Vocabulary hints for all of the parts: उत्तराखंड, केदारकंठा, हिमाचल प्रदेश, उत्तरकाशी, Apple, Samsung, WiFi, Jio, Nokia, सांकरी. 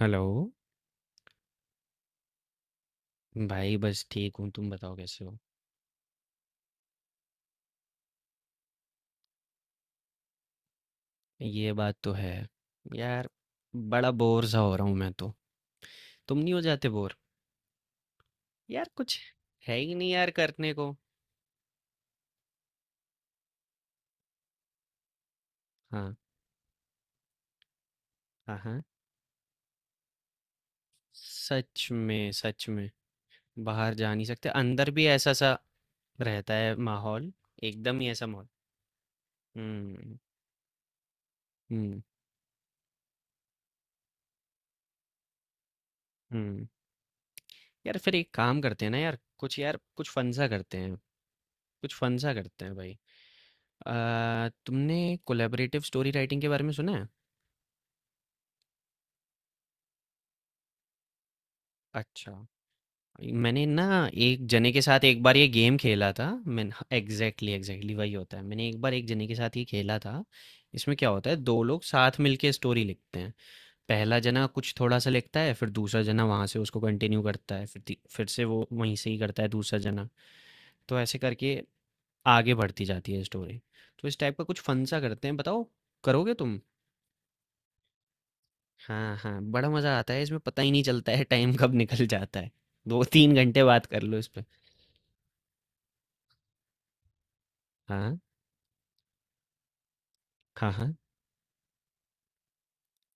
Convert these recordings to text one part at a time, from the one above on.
Hello भाई बस ठीक हूँ तुम बताओ कैसे हो। ये बात तो है यार, बड़ा बोर सा हो रहा हूँ मैं तो। तुम नहीं हो जाते बोर? यार कुछ है ही नहीं यार करने को। हाँ हाँ हाँ। सच में सच में। बाहर जा नहीं सकते, अंदर भी ऐसा सा रहता है माहौल। एकदम ही ऐसा माहौल। हम्म हम्म हम्म। यार फिर एक काम करते हैं ना, यार कुछ फन सा करते हैं। कुछ फन सा करते हैं भाई। तुमने कोलेबरेटिव स्टोरी राइटिंग के बारे में सुना है? अच्छा। मैंने ना एक जने के साथ एक बार ये गेम खेला था, मैंने एग्जैक्टली एग्जैक्टली वही होता है, मैंने एक बार एक जने के साथ ये खेला था। इसमें क्या होता है, दो लोग साथ मिलके स्टोरी लिखते हैं। पहला जना कुछ थोड़ा सा लिखता है, फिर दूसरा जना वहां से उसको कंटिन्यू करता है, फिर फिर से वो वहीं से ही करता है दूसरा जना। तो ऐसे करके आगे बढ़ती जाती है स्टोरी। तो इस टाइप का कुछ फन सा करते हैं, बताओ करोगे तुम? हाँ हाँ, बड़ा मजा आता है इसमें, पता ही नहीं चलता है टाइम कब निकल जाता है। दो तीन घंटे बात कर लो इस पे। हाँ हाँ हाँ।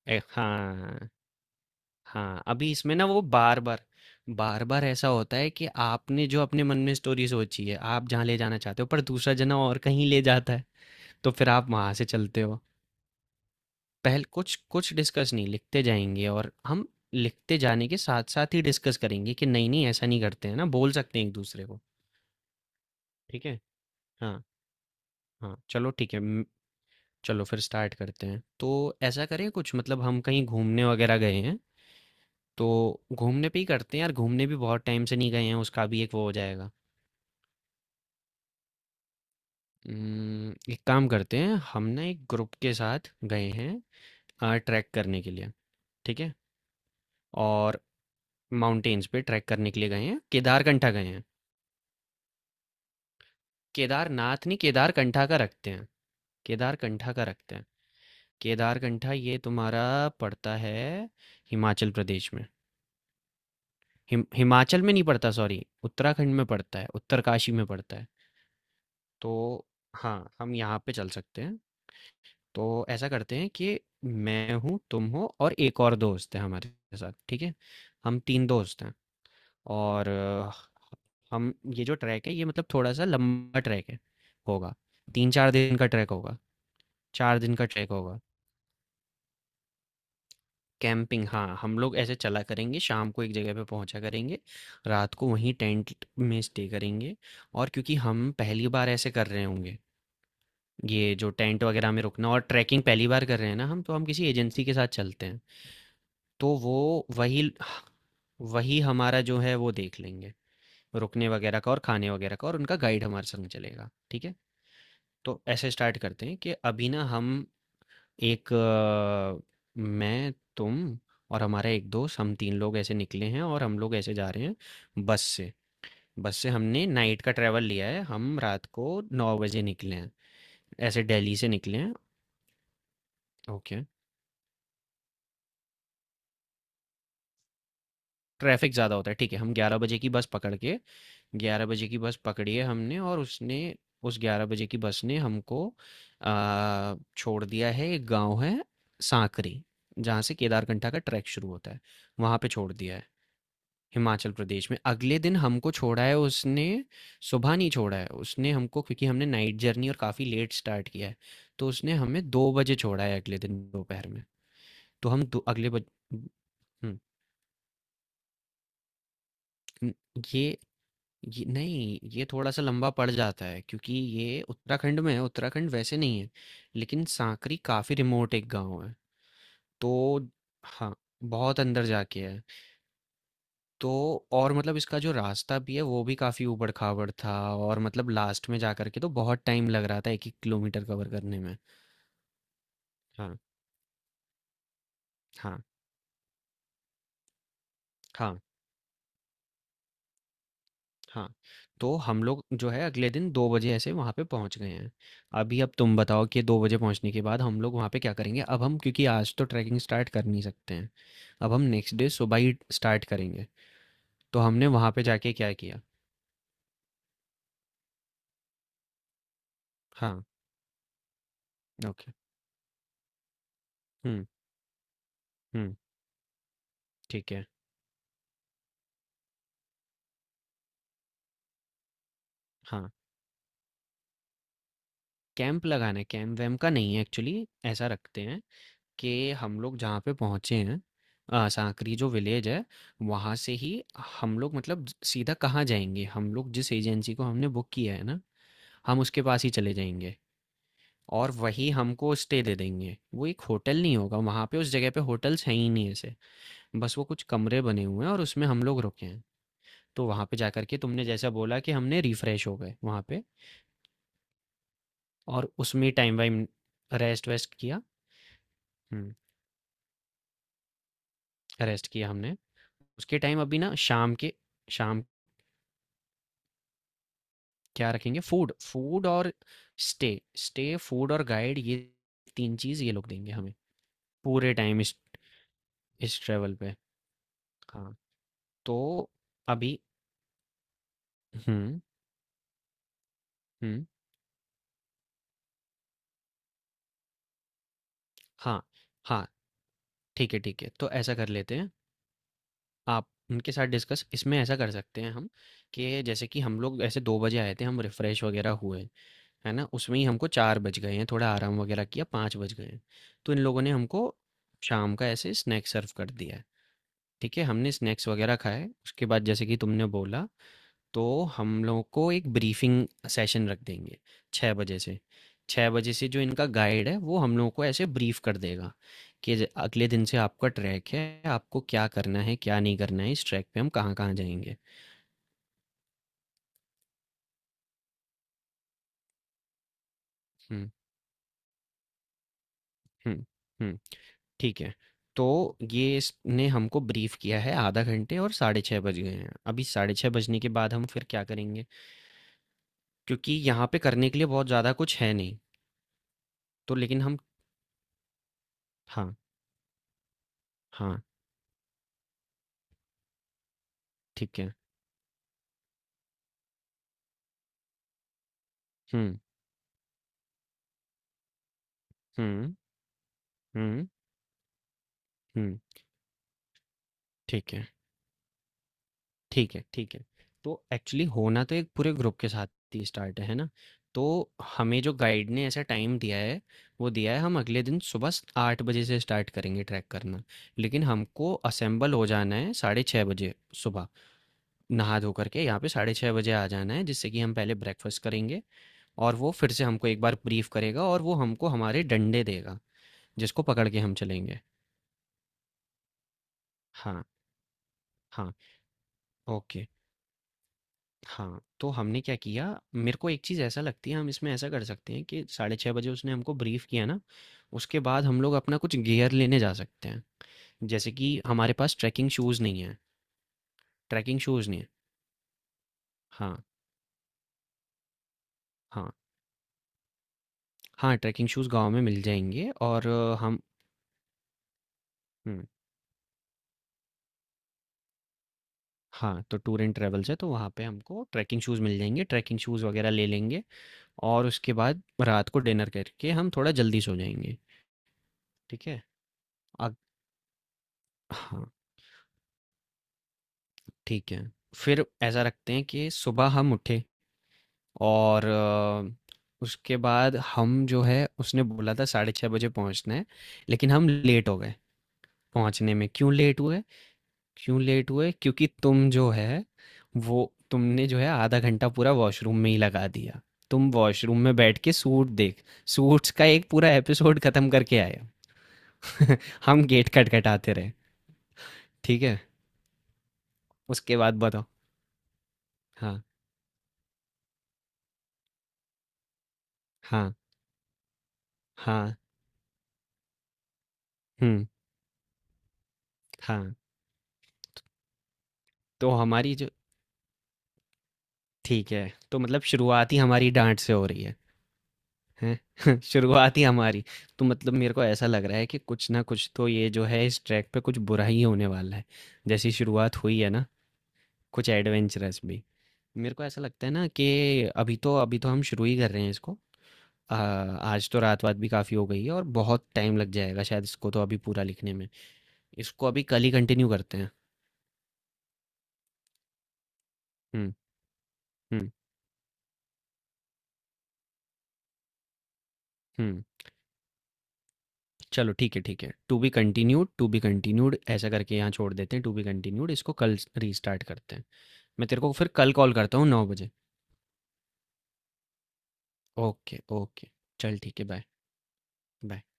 हाँ, हाँ, अभी इसमें ना वो बार-बार बार-बार ऐसा होता है कि आपने जो अपने मन में स्टोरी सोची है, आप जहाँ ले जाना चाहते हो, पर दूसरा जना और कहीं ले जाता है, तो फिर आप वहाँ से चलते हो। पहल कुछ कुछ डिस्कस नहीं, लिखते जाएँगे और हम लिखते जाने के साथ-साथ ही डिस्कस करेंगे कि नहीं-नहीं, ऐसा नहीं करते हैं ना, बोल सकते हैं एक-दूसरे को। ठीक है? हाँ, हाँ, चलो ठीक है, चलो फिर स्टार्ट करते हैं। तो ऐसा करें, कुछ मतलब हम कहीं घूमने वगैरह गए हैं? तो घूमने पे ही करते हैं यार, घूमने भी बहुत टाइम से नहीं गए हैं, उसका भी एक वो हो जाएगा। एक काम करते हैं हम ना, एक ग्रुप के साथ गए हैं ट्रैक करने के लिए, ठीक है? और माउंटेन्स पे ट्रैक करने के लिए गए हैं, केदारकंठा गए हैं। केदारनाथ नहीं, केदारकंठा का रखते हैं। केदारकंठा का रखते हैं। केदारकंठा ये तुम्हारा पड़ता है हिमाचल प्रदेश में। हिमाचल में नहीं पड़ता, सॉरी, उत्तराखंड में पड़ता है, उत्तरकाशी में पड़ता है। तो हाँ, हम यहाँ पे चल सकते हैं। तो ऐसा करते हैं कि मैं हूँ, तुम हो, और एक और दोस्त है हमारे साथ, ठीक है? हम तीन दोस्त हैं। और हम ये जो ट्रैक है ये मतलब थोड़ा सा लंबा ट्रैक है होगा, तीन चार दिन का ट्रैक होगा, चार दिन का ट्रैक होगा। कैंपिंग हाँ, हम लोग ऐसे चला करेंगे, शाम को एक जगह पे पहुंचा करेंगे, रात को वहीं टेंट में स्टे करेंगे। और क्योंकि हम पहली बार ऐसे कर रहे होंगे, ये जो टेंट वगैरह में रुकना और ट्रैकिंग पहली बार कर रहे हैं ना हम, तो हम किसी एजेंसी के साथ चलते हैं। तो वो वही वही हमारा जो है वो देख लेंगे, रुकने वगैरह का और खाने वगैरह का, और उनका गाइड हमारे संग चलेगा, ठीक है? तो ऐसे स्टार्ट करते हैं कि अभी ना हम एक मैं, तुम और हमारा एक दोस्त, हम तीन लोग ऐसे निकले हैं और हम लोग ऐसे जा रहे हैं बस से। बस से हमने नाइट का ट्रैवल लिया है, हम रात को 9 बजे निकले हैं, ऐसे दिल्ली से निकले हैं। ओके। ट्रैफिक ज़्यादा होता है, ठीक है, हम 11 बजे की बस पकड़ के, 11 बजे की बस पकड़ी है हमने और उसने, उस 11 बजे की बस ने हमको छोड़ दिया है, एक गांव है सांकरी जहाँ से केदारकंठा का ट्रैक शुरू होता है वहाँ पे छोड़ दिया है। हिमाचल प्रदेश में अगले दिन हमको छोड़ा है उसने। सुबह नहीं छोड़ा है उसने हमको, क्योंकि हमने नाइट जर्नी और काफ़ी लेट स्टार्ट किया है, तो उसने हमें 2 बजे छोड़ा है अगले दिन दोपहर में। तो हम दो, अगले बज हम्म, ये ये नहीं, ये थोड़ा-सा लंबा पड़ जाता है क्योंकि ये उत्तराखंड में है, उत्तराखंड वैसे नहीं है, लेकिन सांकरी काफ़ी रिमोट एक गाँव है। तो हाँ, बहुत अंदर जाके है। तो और मतलब इसका जो रास्ता भी है वो भी काफ़ी ऊबड़-खाबड़ था, और मतलब लास्ट में जा कर के तो बहुत टाइम लग रहा था 1-1 किलोमीटर कवर करने में। हाँ, हाँ, हाँ। हाँ, तो हम लोग जो है अगले दिन 2 बजे ऐसे वहाँ पे पहुँच गए हैं। अभी अब तुम बताओ कि 2 बजे पहुँचने के बाद हम लोग वहाँ पे क्या करेंगे? अब हम क्योंकि आज तो ट्रैकिंग स्टार्ट कर नहीं सकते हैं, अब हम नेक्स्ट डे सुबह ही स्टार्ट करेंगे। तो हमने वहाँ पे जाके क्या किया? हाँ, ओके। हुँ, हुँ, ठीक है। हाँ, कैंप लगाना है, कैंप-वैम्प का नहीं है एक्चुअली, ऐसा रखते हैं कि हम लोग जहाँ पे पहुँचे हैं, सांकरी जो विलेज है, वहाँ से ही हम लोग मतलब सीधा कहाँ जाएंगे, हम लोग जिस एजेंसी को हमने बुक किया है ना, हम उसके पास ही चले जाएंगे। और वही हमको स्टे दे देंगे, वो एक होटल नहीं होगा, वहाँ पे उस जगह पे होटल्स हैं ही नहीं ऐसे, बस वो कुछ कमरे बने हुए हैं और उसमें हम लोग रुके हैं। तो वहाँ पे जाकर के तुमने जैसा बोला कि हमने रिफ़्रेश हो गए वहाँ पे, और उसमें टाइम वाइम, रेस्ट वेस्ट किया। हम्म, रेस्ट किया हमने। उसके टाइम अभी ना शाम के, शाम, क्या रखेंगे? फूड, फूड और स्टे, स्टे, फूड और गाइड, ये तीन चीज़ ये लोग देंगे हमें पूरे टाइम इस ट्रेवल पे। हाँ। तो अभी, हम्म हम्म, हाँ हाँ, ठीक है ठीक है। तो ऐसा कर लेते हैं, आप उनके साथ डिस्कस, इसमें ऐसा कर सकते हैं हम कि जैसे कि हम लोग ऐसे 2 बजे आए थे, हम रिफ़्रेश वगैरह हुए है ना, उसमें ही हमको 4 बज गए हैं, थोड़ा आराम वगैरह किया, 5 बज गए हैं, तो इन लोगों ने हमको शाम का ऐसे स्नैक सर्व कर दिया है। ठीक है, हमने स्नैक्स वगैरह खाए, उसके बाद जैसे कि तुमने बोला, तो हम लोगों को एक ब्रीफिंग सेशन रख देंगे छः बजे से छः बजे से जो इनका गाइड है वो हम लोगों को ऐसे ब्रीफ कर देगा कि अगले दिन से आपका ट्रैक है, आपको क्या करना है क्या नहीं करना है, इस ट्रैक पे हम कहाँ कहाँ जाएंगे। हम्म हम्म हम्म। ठीक है। तो ये इसने हमको ब्रीफ किया है आधा घंटे और 6:30 बज गए हैं। अभी 6:30 बजने के बाद हम फिर क्या करेंगे? क्योंकि यहाँ पे करने के लिए बहुत ज़्यादा कुछ है नहीं। तो लेकिन हम, हाँ, हाँ, ठीक है। हुँ, हुँ, हुँ, हुँ, ठीक है, ठीक है, ठीक है। तो एक्चुअली होना तो एक पूरे ग्रुप के साथ ही स्टार्ट है ना? तो हमें जो गाइड ने ऐसा टाइम दिया है, वो दिया है हम अगले दिन सुबह स 8 बजे से स्टार्ट करेंगे ट्रैक करना। लेकिन हमको असेंबल हो जाना है साढ़े 6 बजे सुबह, नहा धो कर के यहाँ पे साढ़े 6 बजे आ जाना है, जिससे कि हम पहले ब्रेकफ़ास्ट करेंगे, और वो फिर से हमको एक बार ब्रीफ़ करेगा और वो हमको हमारे डंडे देगा, जिसको पकड़ के हम चलेंगे। हाँ, हाँ। ओके, हाँ, तो हमने क्या किया, मेरे को एक चीज़ ऐसा लगती है हम इसमें ऐसा कर सकते हैं कि साढ़े 6 बजे उसने हमको ब्रीफ़ किया ना, उसके बाद हम लोग अपना कुछ गियर लेने जा सकते हैं। जैसे कि हमारे पास ट्रैकिंग शूज़ नहीं है, ट्रैकिंग शूज़ नहीं है। हाँ, हाँ, हाँ, ट्रैकिंग शूज़ गाँव में मिल जाएँगे और हम, हुँ, हाँ, तो टूर एंड ट्रैवल्स है, तो वहाँ पे हमको ट्रैकिंग शूज़ मिल जाएँगे, ट्रैकिंग शूज़ वग़ैरह ले लेंगे, और उसके बाद रात को डिनर करके हम थोड़ा जल्दी सो जाएँगे, ठीक है? अग हाँ। ठीक है। फिर ऐसा रखते हैं कि सुबह हम उठे और उसके बाद हम जो है उसने बोला था 6:30 बजे पहुँचना है, लेकिन हम लेट हो गए पहुँचने में। क्यों लेट हुए, क्यों लेट हुए? क्योंकि तुम जो है, वो तुमने जो है आधा घंटा पूरा वॉशरूम में ही लगा दिया। तुम वॉशरूम में बैठ के सूट देख, सूट्स का एक पूरा एपिसोड खत्म करके आए। हम गेट खटखटाते रहे। ठीक है? उसके बाद बताओ। हाँ, हाँ, हाँ, हुँ, हाँ। तो हमारी जो, ठीक है, तो मतलब शुरुआत ही हमारी डाँट से हो रही है, हैं? शुरुआत ही हमारी, तो मतलब मेरे को ऐसा लग रहा है कि कुछ ना कुछ तो ये जो है इस ट्रैक पे कुछ बुरा ही होने वाला है। जैसी शुरुआत हुई है ना, कुछ एडवेंचरस भी। मेरे को ऐसा लगता है ना कि अभी तो हम शुरू ही कर रहे हैं इसको। आज तो रात-वात भी काफ़ी हो गई है और बहुत टाइम लग जाएगा शायद इसको तो अभी पूरा लिखने में। इसको अभी कल ही कंटिन्यू करते हैं। हुँ, हुँ, हुँ। चलो ठीक है ठीक है, to be continued, to be continued, ऐसा करके यहाँ छोड़ देते हैं, टू बी कंटिन्यूड, इसको कल रीस्टार्ट करते हैं। मैं तेरे को फिर कल कॉल करता हूँ 9 बजे। Okay okay. चल ठीक है, बाय। बाय।